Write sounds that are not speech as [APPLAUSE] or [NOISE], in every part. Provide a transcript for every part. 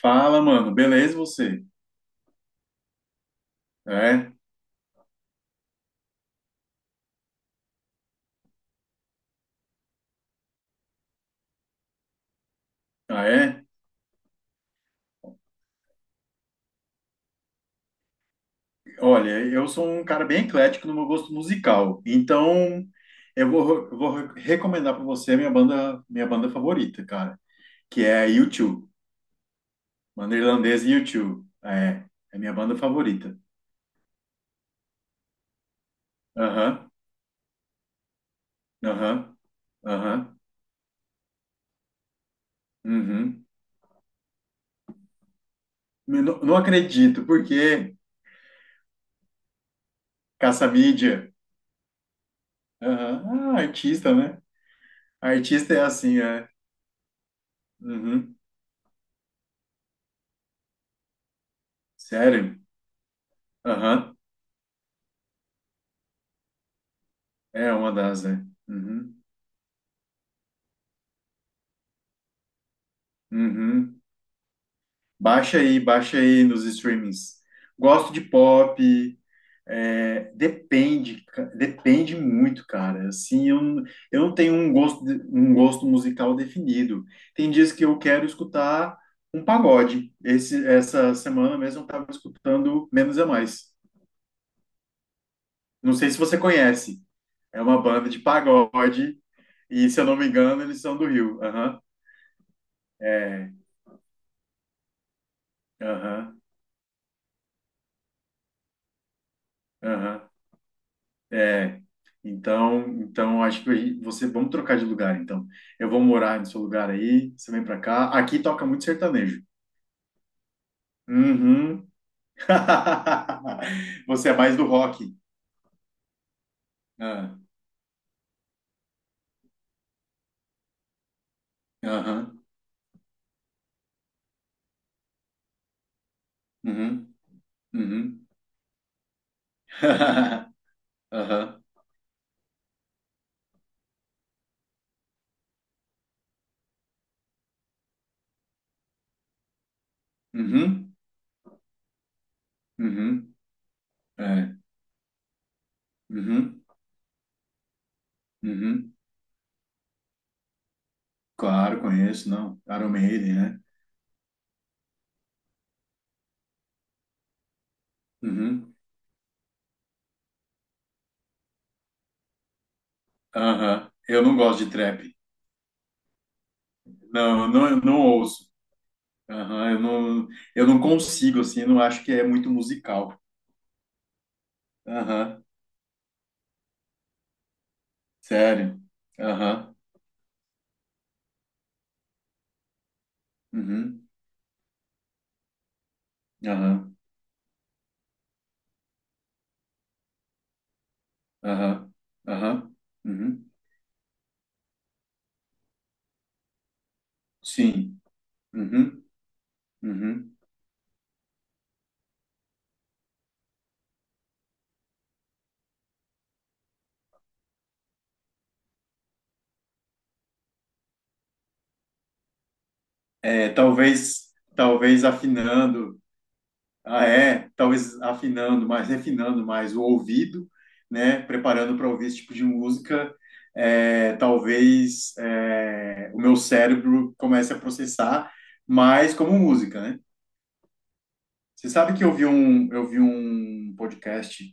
Fala, mano, beleza você? É? Ah, é? Olha, eu sou um cara bem eclético no meu gosto musical, então eu vou recomendar para você a minha banda favorita, cara, que é a U2, banda irlandesa U2. É minha banda favorita. Aham, aham, aham, uhum. Não, não acredito, porque caça-mídia. Aham, ah, artista, né? Artista é assim, é. Uhum. Sério? Aham. É uma das, né? Uhum. Uhum. Baixa aí nos streamings. Gosto de pop. É, depende, depende muito, cara. Assim, eu, eu não tenho um gosto, um gosto musical definido. Tem dias que eu quero escutar um pagode. Essa semana mesmo eu estava escutando Menos é Mais. Não sei se você conhece. É uma banda de pagode e, se eu não me engano, eles são do Rio. Aham. É. Aham. Aham. É, então, então acho que você vamos trocar de lugar então. Eu vou morar no seu lugar aí, você vem pra cá. Aqui toca muito sertanejo. Uhum. [LAUGHS] Você é mais do rock. Ah, aham. Uhum. Uhum. [LAUGHS] Aham. Uhum. Uhum. É. Uhum. Uhum. Claro, conheço, não. Iron Maiden, né? Uhum. Aham. Eu não gosto de trap. Não, eu não ouço. Aham, eu não consigo, assim, eu não acho que é muito musical. Aham, sério. Aham, uhum, aham, aham, aham, uhum, sim, uhum, uhum. É, talvez afinando, talvez afinando mais, refinando mais o ouvido, né, preparando para ouvir esse tipo de música, é, talvez o meu cérebro comece a processar mais como música, né? Você sabe que eu vi um podcast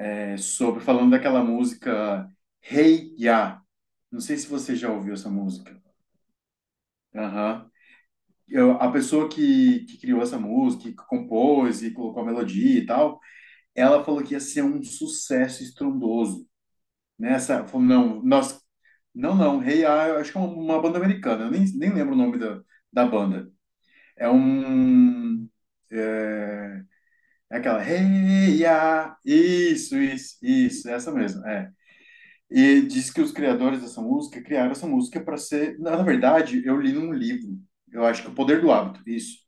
sobre falando daquela música Hey Ya. Não sei se você já ouviu essa música. Aham. A pessoa que criou essa música, que compôs e colocou a melodia e tal, ela falou que ia ser um sucesso estrondoso. Nessa, falou, não, nós, não, não, Hey Ya, eu acho que é uma banda americana, eu nem lembro o nome da banda. É um. É aquela, hey, ya. Isso, é essa mesmo, é. E diz que os criadores dessa música criaram essa música para ser. Na verdade, eu li num livro, eu acho que é O Poder do Hábito, isso,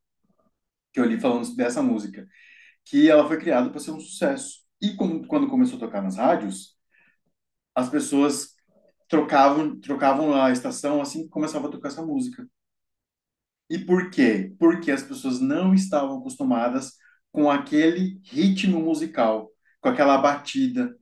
que eu li falando dessa música, que ela foi criada para ser um sucesso. E como, quando começou a tocar nas rádios, as pessoas trocavam a estação assim que começava a tocar essa música. E por quê? Porque as pessoas não estavam acostumadas com aquele ritmo musical, com aquela batida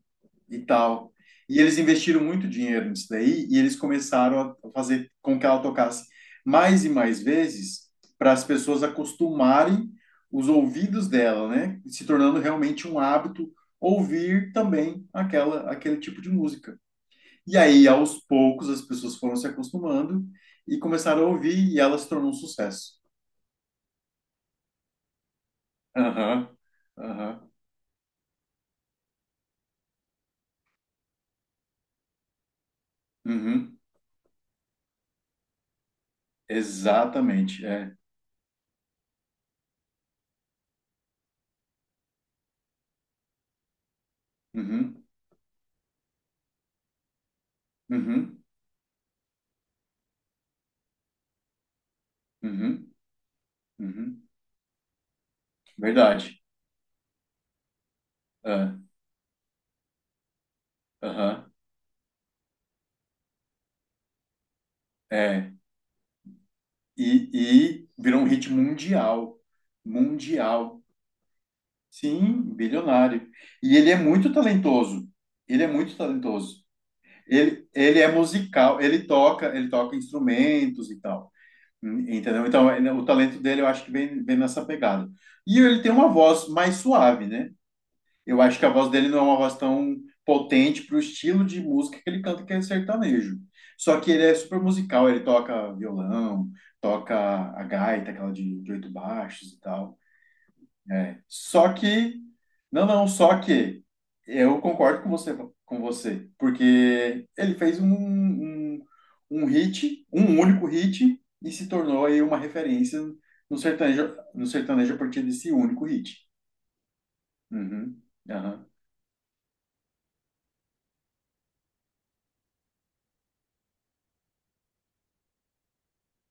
e tal. E eles investiram muito dinheiro nisso daí e eles começaram a fazer com que ela tocasse mais e mais vezes para as pessoas acostumarem os ouvidos dela, né? Se tornando realmente um hábito ouvir também aquela aquele tipo de música. E aí, aos poucos, as pessoas foram se acostumando e começaram a ouvir e ela se tornou um sucesso. Aham, aham, uhum, exatamente, é. Uhum, uhum, uhum, uhum. Verdade. Ah, aham, é. E, e virou um hit mundial. Mundial. Sim, bilionário. E ele é muito talentoso. Ele é muito talentoso. Ele é musical, ele toca instrumentos e tal. Entendeu? Então, o talento dele eu acho que vem nessa pegada. E ele tem uma voz mais suave, né? Eu acho que a voz dele não é uma voz tão potente para o estilo de música que ele canta, que é sertanejo. Só que ele é super musical, ele toca violão, toca a gaita, aquela de oito baixos e tal. É. Só que, não, não, só que eu concordo com você, porque ele fez um, um hit, um único hit, e se tornou aí uma referência no sertanejo a partir desse único hit. Uhum, aham,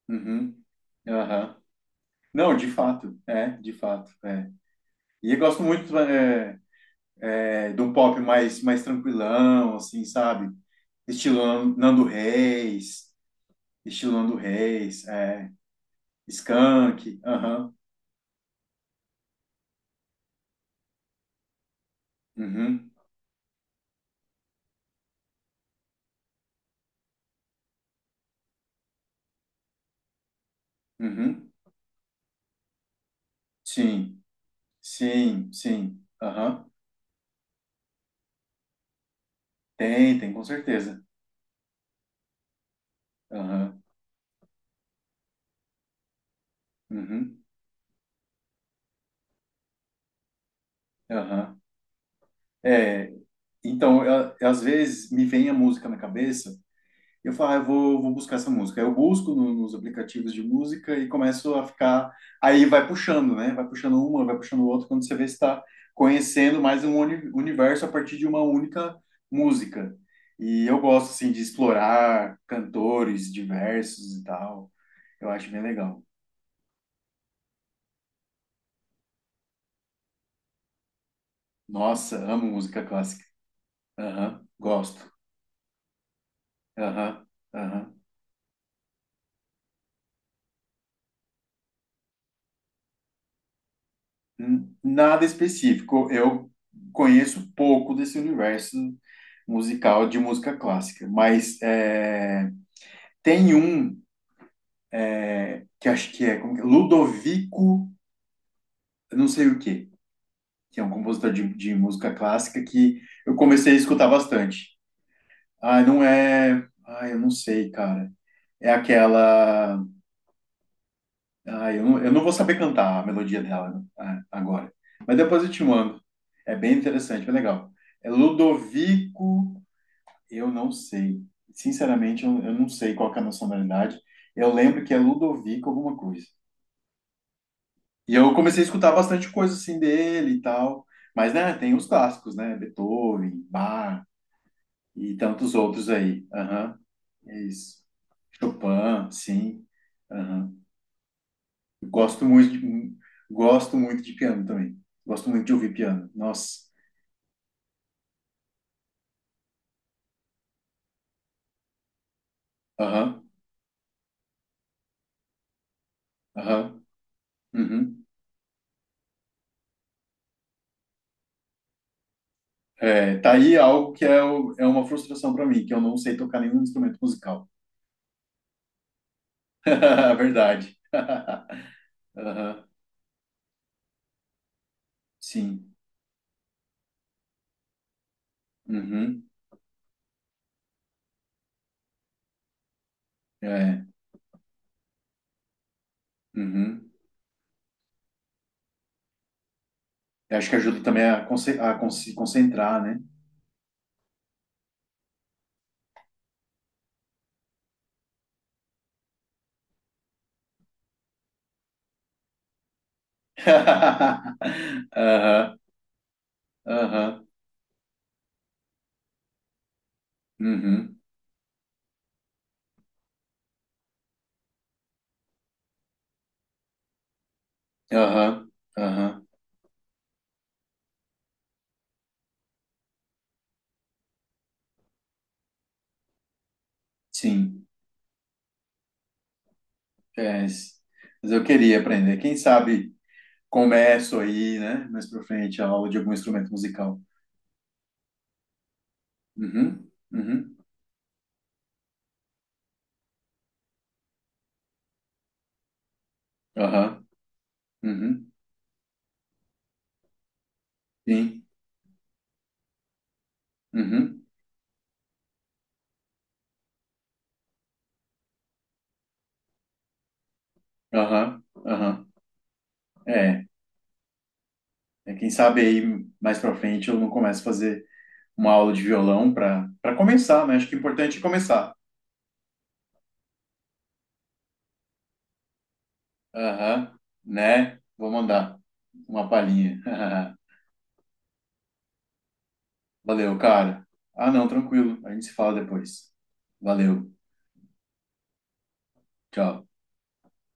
uhum. Aham. Não, de fato, é, de fato, é. E eu gosto muito de um pop mais tranquilão, assim, sabe? Estilo Nando Reis, estilo Nando Reis é, Skank, aham, uhum, uhum, sim, sim, sim, aham, Tem, com certeza, aham, uhum, aham. É, então, às vezes me vem a música na cabeça. E eu falo, ah, eu vou buscar essa música. Aí eu busco nos aplicativos de música e começo a ficar. Aí vai puxando, né? Vai puxando uma, vai puxando outra, quando você vê se está conhecendo mais um universo a partir de uma única música. E eu gosto, assim, de explorar cantores diversos e tal. Eu acho bem legal. Nossa, amo música clássica. Aham, gosto. Aham, aham. Nada específico. Eu conheço pouco desse universo musical de música clássica, mas é, tem um é, que acho que é, como que é? Ludovico, eu não sei o quê, que é um compositor de música clássica que eu comecei a escutar bastante. Ah, não é. Ah, eu não sei, cara. É aquela. Ah, eu não vou saber cantar a melodia dela agora. Mas depois eu te mando. É bem interessante, é legal. É Ludovico, eu não sei. Sinceramente, eu não sei qual que é a nacionalidade. Eu lembro que é Ludovico alguma coisa. E eu comecei a escutar bastante coisa assim dele e tal. Mas, né, tem os clássicos, né? Beethoven, Bach e tantos outros aí. Aham. É isso. Chopin, sim. Aham. Gosto muito de, gosto muito de piano também. Gosto muito de ouvir piano. Nossa. Aham, aham, uhum. É, tá aí algo que é, é uma frustração para mim, que eu não sei tocar nenhum instrumento musical. [LAUGHS] Verdade. [LAUGHS] Aham, sim. Uhum. É. Uhum. Eu acho que ajuda também a se concentrar, né? [LAUGHS] Aham, aham, uhum, aham, aham, sim. É, mas eu queria aprender. Quem sabe. Começo aí, né? Mais pra frente, a aula de algum instrumento musical. Uhum, uhum, aham, uhum, sim, uhum, aham, aham. É, Quem sabe aí mais pra frente eu não começo a fazer uma aula de violão pra começar, né? Acho que é importante começar. Aham, né? Vou mandar uma palhinha. [LAUGHS] Valeu, cara. Ah, não, tranquilo. A gente se fala depois. Valeu, tchau.